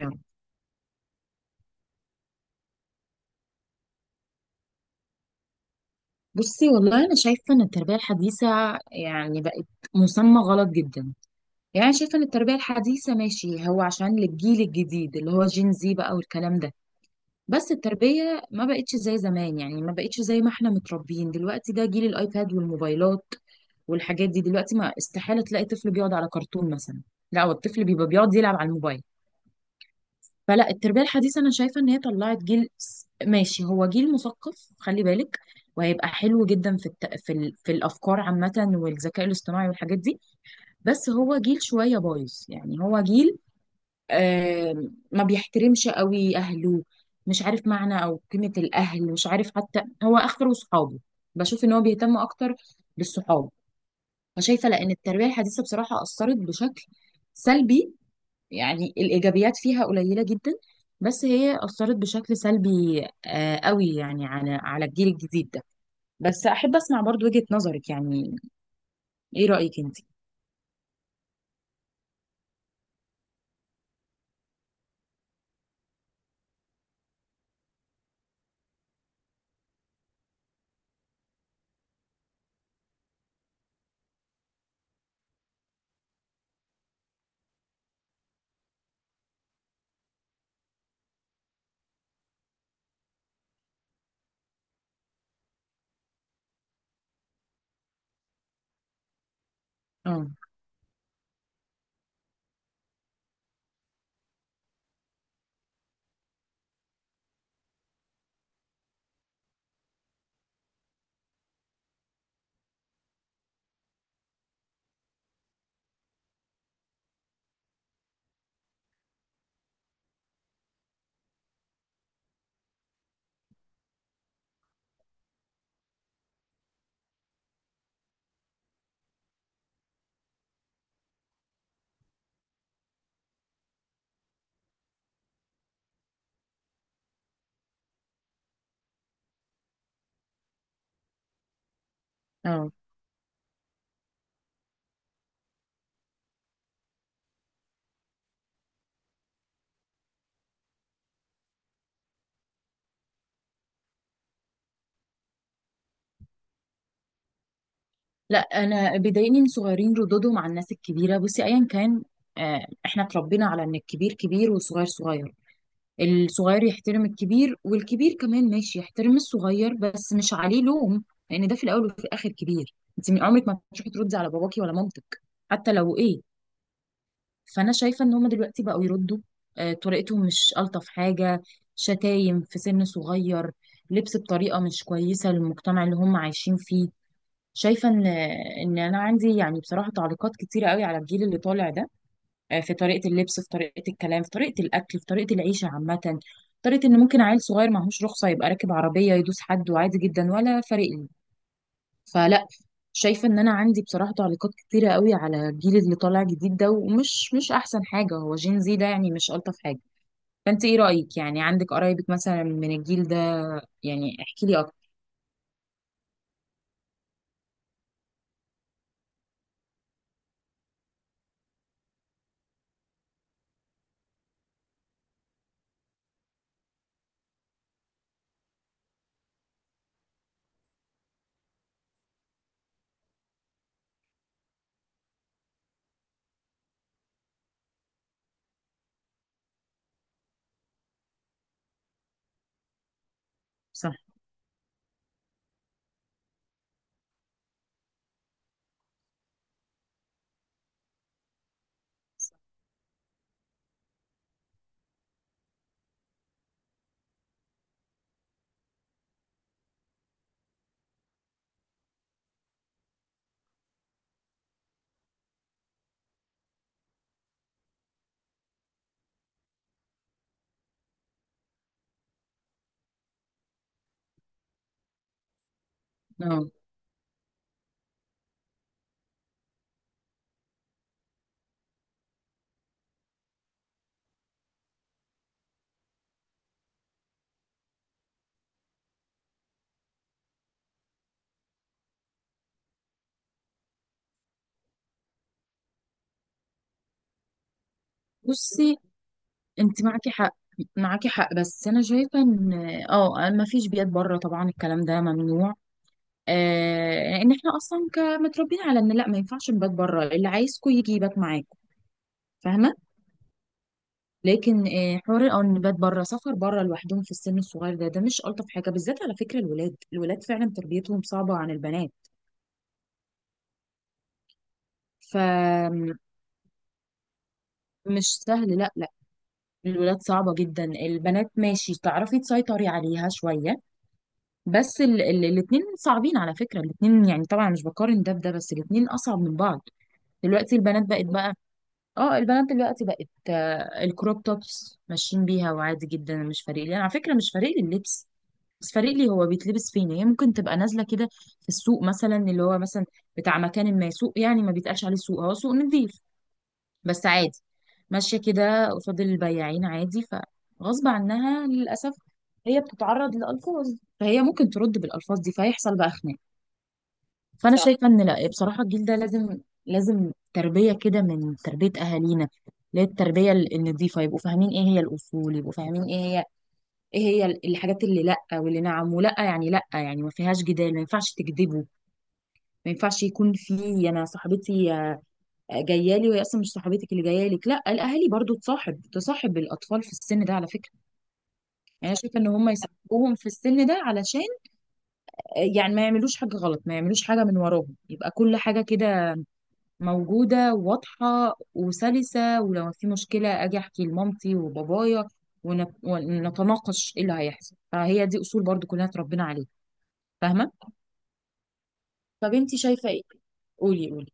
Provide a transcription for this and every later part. يعني. بصي والله انا شايفه ان التربيه الحديثه يعني بقت مسمى غلط جدا. يعني شايفه ان التربيه الحديثه ماشي هو عشان للجيل الجديد اللي هو جين زي بقى والكلام ده. بس التربيه ما بقتش زي زمان، يعني ما بقتش زي ما احنا متربيين. دلوقتي ده جيل الايباد والموبايلات والحاجات دي. دلوقتي ما استحاله تلاقي طفل بيقعد على كرتون مثلا، لا هو الطفل بيبقى بيقعد يلعب على الموبايل. فلا، التربية الحديثة أنا شايفة إن هي طلعت ماشي هو جيل مثقف، خلي بالك، وهيبقى حلو جدا في الت... في, ال... في الأفكار عامة والذكاء الاصطناعي والحاجات دي. بس هو جيل شوية بايظ، يعني هو جيل ما بيحترمش قوي أهله، مش عارف معنى أو قيمة الأهل، مش عارف حتى هو آخره صحابه. بشوف إن هو بيهتم أكتر بالصحاب. فشايفة لأن التربية الحديثة بصراحة أثرت بشكل سلبي. يعني الإيجابيات فيها قليلة جدا، بس هي أثرت بشكل سلبي قوي يعني على الجيل الجديد ده. بس أحب أسمع برضو وجهة نظرك يعني، إيه رأيك أنت؟ اه اه. لا، أنا بيضايقني إن صغيرين ردودهم على الناس الكبيرة. بصي، أيا كان، إحنا اتربينا على إن الكبير كبير والصغير صغير. الصغير يحترم الكبير، والكبير كمان ماشي يحترم الصغير بس مش عليه لوم، لأن ده في الأول وفي الآخر كبير. أنت من عمرك ما تروحي تردي على باباكي ولا مامتك حتى لو ايه. فانا شايفه ان هم دلوقتي بقوا يردوا. طريقتهم مش الطف حاجه، شتايم في سن صغير، لبس بطريقه مش كويسه للمجتمع اللي هم عايشين فيه. شايفه ان انا عندي يعني بصراحه تعليقات كتيره قوي على الجيل اللي طالع ده. في طريقه اللبس، في طريقه الكلام، في طريقه الاكل، في طريقه العيشه عامه. طريقه ان ممكن عيل صغير معهوش رخصه يبقى راكب عربيه يدوس حد وعادي جدا ولا فارق لي. فلا، شايفه ان انا عندي بصراحه تعليقات كتيره قوي على الجيل اللي طالع جديد ده، ومش مش احسن حاجه. هو جين زي ده يعني مش الطف حاجه. فانت ايه رايك يعني؟ عندك قرايبك مثلا من الجيل ده؟ يعني احكي لي اكتر. صح. اه. بصي، انت معاكي حق، معاكي حق. بس انا شايفه ان اه، ما فيش بيئات بره طبعا، الكلام ده ممنوع. آه، ان احنا اصلا كمتربيين على ان لا، ما ينفعش نبات بره، اللي عايزكوا يجي يبات معاكم. فاهمه. لكن حوار الأنبات بره، سفر بره لوحدهم في السن الصغير ده، ده مش ألطف حاجة، بالذات على فكرة الولاد. الولاد فعلا تربيتهم صعبة عن البنات. فمش سهل، لا لا. الولاد صعبة جدا. البنات ماشي تعرفي تسيطري عليها شوية، بس ال الاتنين صعبين على فكرة. الاتنين يعني طبعا مش بقارن ده بده، بس الاتنين أصعب من بعض. دلوقتي البنات بقت بقى، اه البنات دلوقتي بقت الكروب توبس ماشيين بيها، وعادي جدا، مش فارق لي انا على فكرة. مش فارق لي اللبس، بس فارق لي هو بيتلبس فين. هي ممكن تبقى نازله كده في السوق مثلا، اللي هو مثلا بتاع مكان، ما سوق يعني ما بيتقالش عليه سوق، هو سوق نظيف، بس عادي ماشيه كده قصاد البياعين عادي. فغصب عنها للاسف هي بتتعرض لألفاظ، فهي ممكن ترد بالألفاظ دي، فيحصل بقى خناق. فأنا صح شايفة إن لا بصراحة الجيل ده لازم، لازم تربية كده من تربية أهالينا، اللي هي التربية النضيفة. يبقوا فاهمين إيه هي الأصول، يبقوا فاهمين إيه هي، ايه هي الحاجات اللي لا واللي نعم، ولا يعني لا يعني ما فيهاش جدال. ما ينفعش تكذبوا، ما ينفعش يكون في، انا صاحبتي جايه لي وهي اصلا مش صاحبتك اللي جايه لك، لا. الاهالي برضو تصاحب الاطفال في السن ده على فكره. يعني انا شايفه ان هم يصاحبوهم في السن ده علشان يعني ما يعملوش حاجه غلط، ما يعملوش حاجه من وراهم، يبقى كل حاجه كده موجوده واضحه وسلسه. ولو في مشكله، اجي احكي لمامتي وبابايا ونتناقش ايه اللي هيحصل. فهي دي اصول برضو كلنا اتربينا عليها. فاهمه. طب انت شايفة ايه؟ قولي قولي.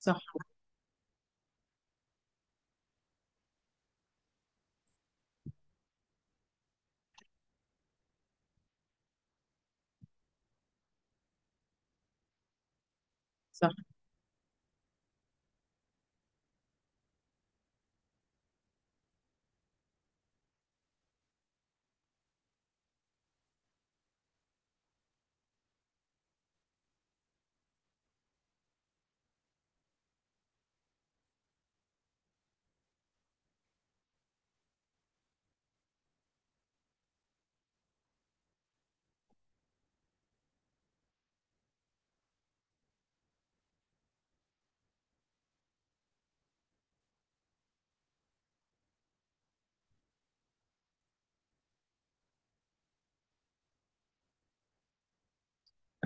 صح. صح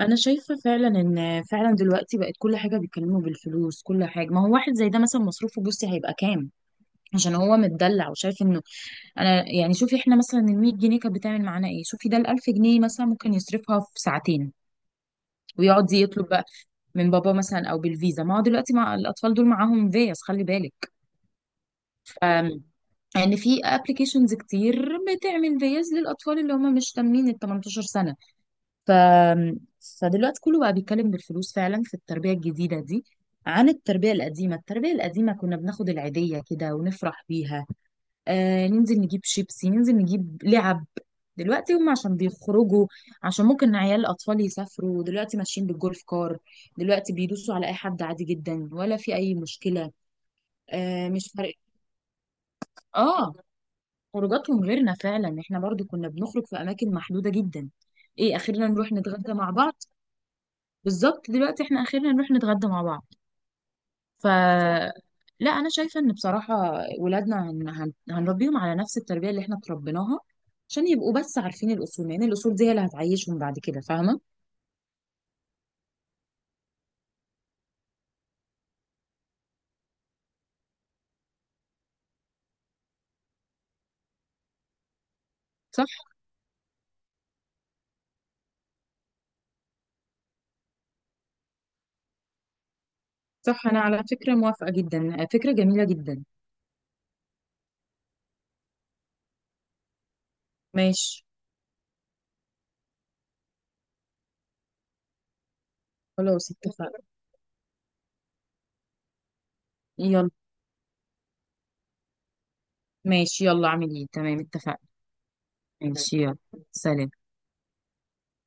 انا شايفة فعلا ان فعلا دلوقتي بقت كل حاجة بيتكلموا بالفلوس، كل حاجة. ما هو واحد زي ده مثلا مصروفه بصي هيبقى كام؟ عشان هو متدلع وشايف انه، انا يعني شوفي احنا مثلا ال 100 جنيه كانت بتعمل معانا ايه؟ شوفي ده، ال 1000 جنيه مثلا ممكن يصرفها في ساعتين، ويقعد يطلب بقى من بابا مثلا، او بالفيزا. ما هو دلوقتي مع الاطفال دول معاهم فيز، خلي بالك، ف- ان في ابلكيشنز كتير بتعمل فيز للاطفال اللي هم مش تامين ال 18 سنه. ف... فدلوقتي كله بقى بيتكلم بالفلوس فعلا في التربية الجديدة دي، عن التربية القديمة. التربية القديمة كنا بناخد العيدية كده ونفرح بيها، ننزل نجيب شيبسي، ننزل نجيب لعب. دلوقتي هم عشان بيخرجوا، عشان ممكن عيال الأطفال يسافروا، دلوقتي ماشيين بالجولف كار، دلوقتي بيدوسوا على أي حد عادي جدا ولا في أي مشكلة. آه، مش فارق. اه، خروجاتهم غيرنا فعلا. احنا برضو كنا بنخرج في أماكن محدودة جدا، ايه اخيرا نروح نتغدى مع بعض. بالظبط، دلوقتي احنا اخيرا نروح نتغدى مع بعض. ف صح. لا انا شايفه ان بصراحه ولادنا هنربيهم على نفس التربيه اللي احنا تربيناها، عشان يبقوا بس عارفين الاصول، لان الاصول دي هي اللي هتعيشهم بعد كده. فاهمه. صح. صح انا على فكره موافقه جدا، فكره جميله جدا. ماشي. خلاص اتفقنا. يلا. ماشي يلا، اعمل ايه، تمام، اتفقنا. ماشي يلا. سلام.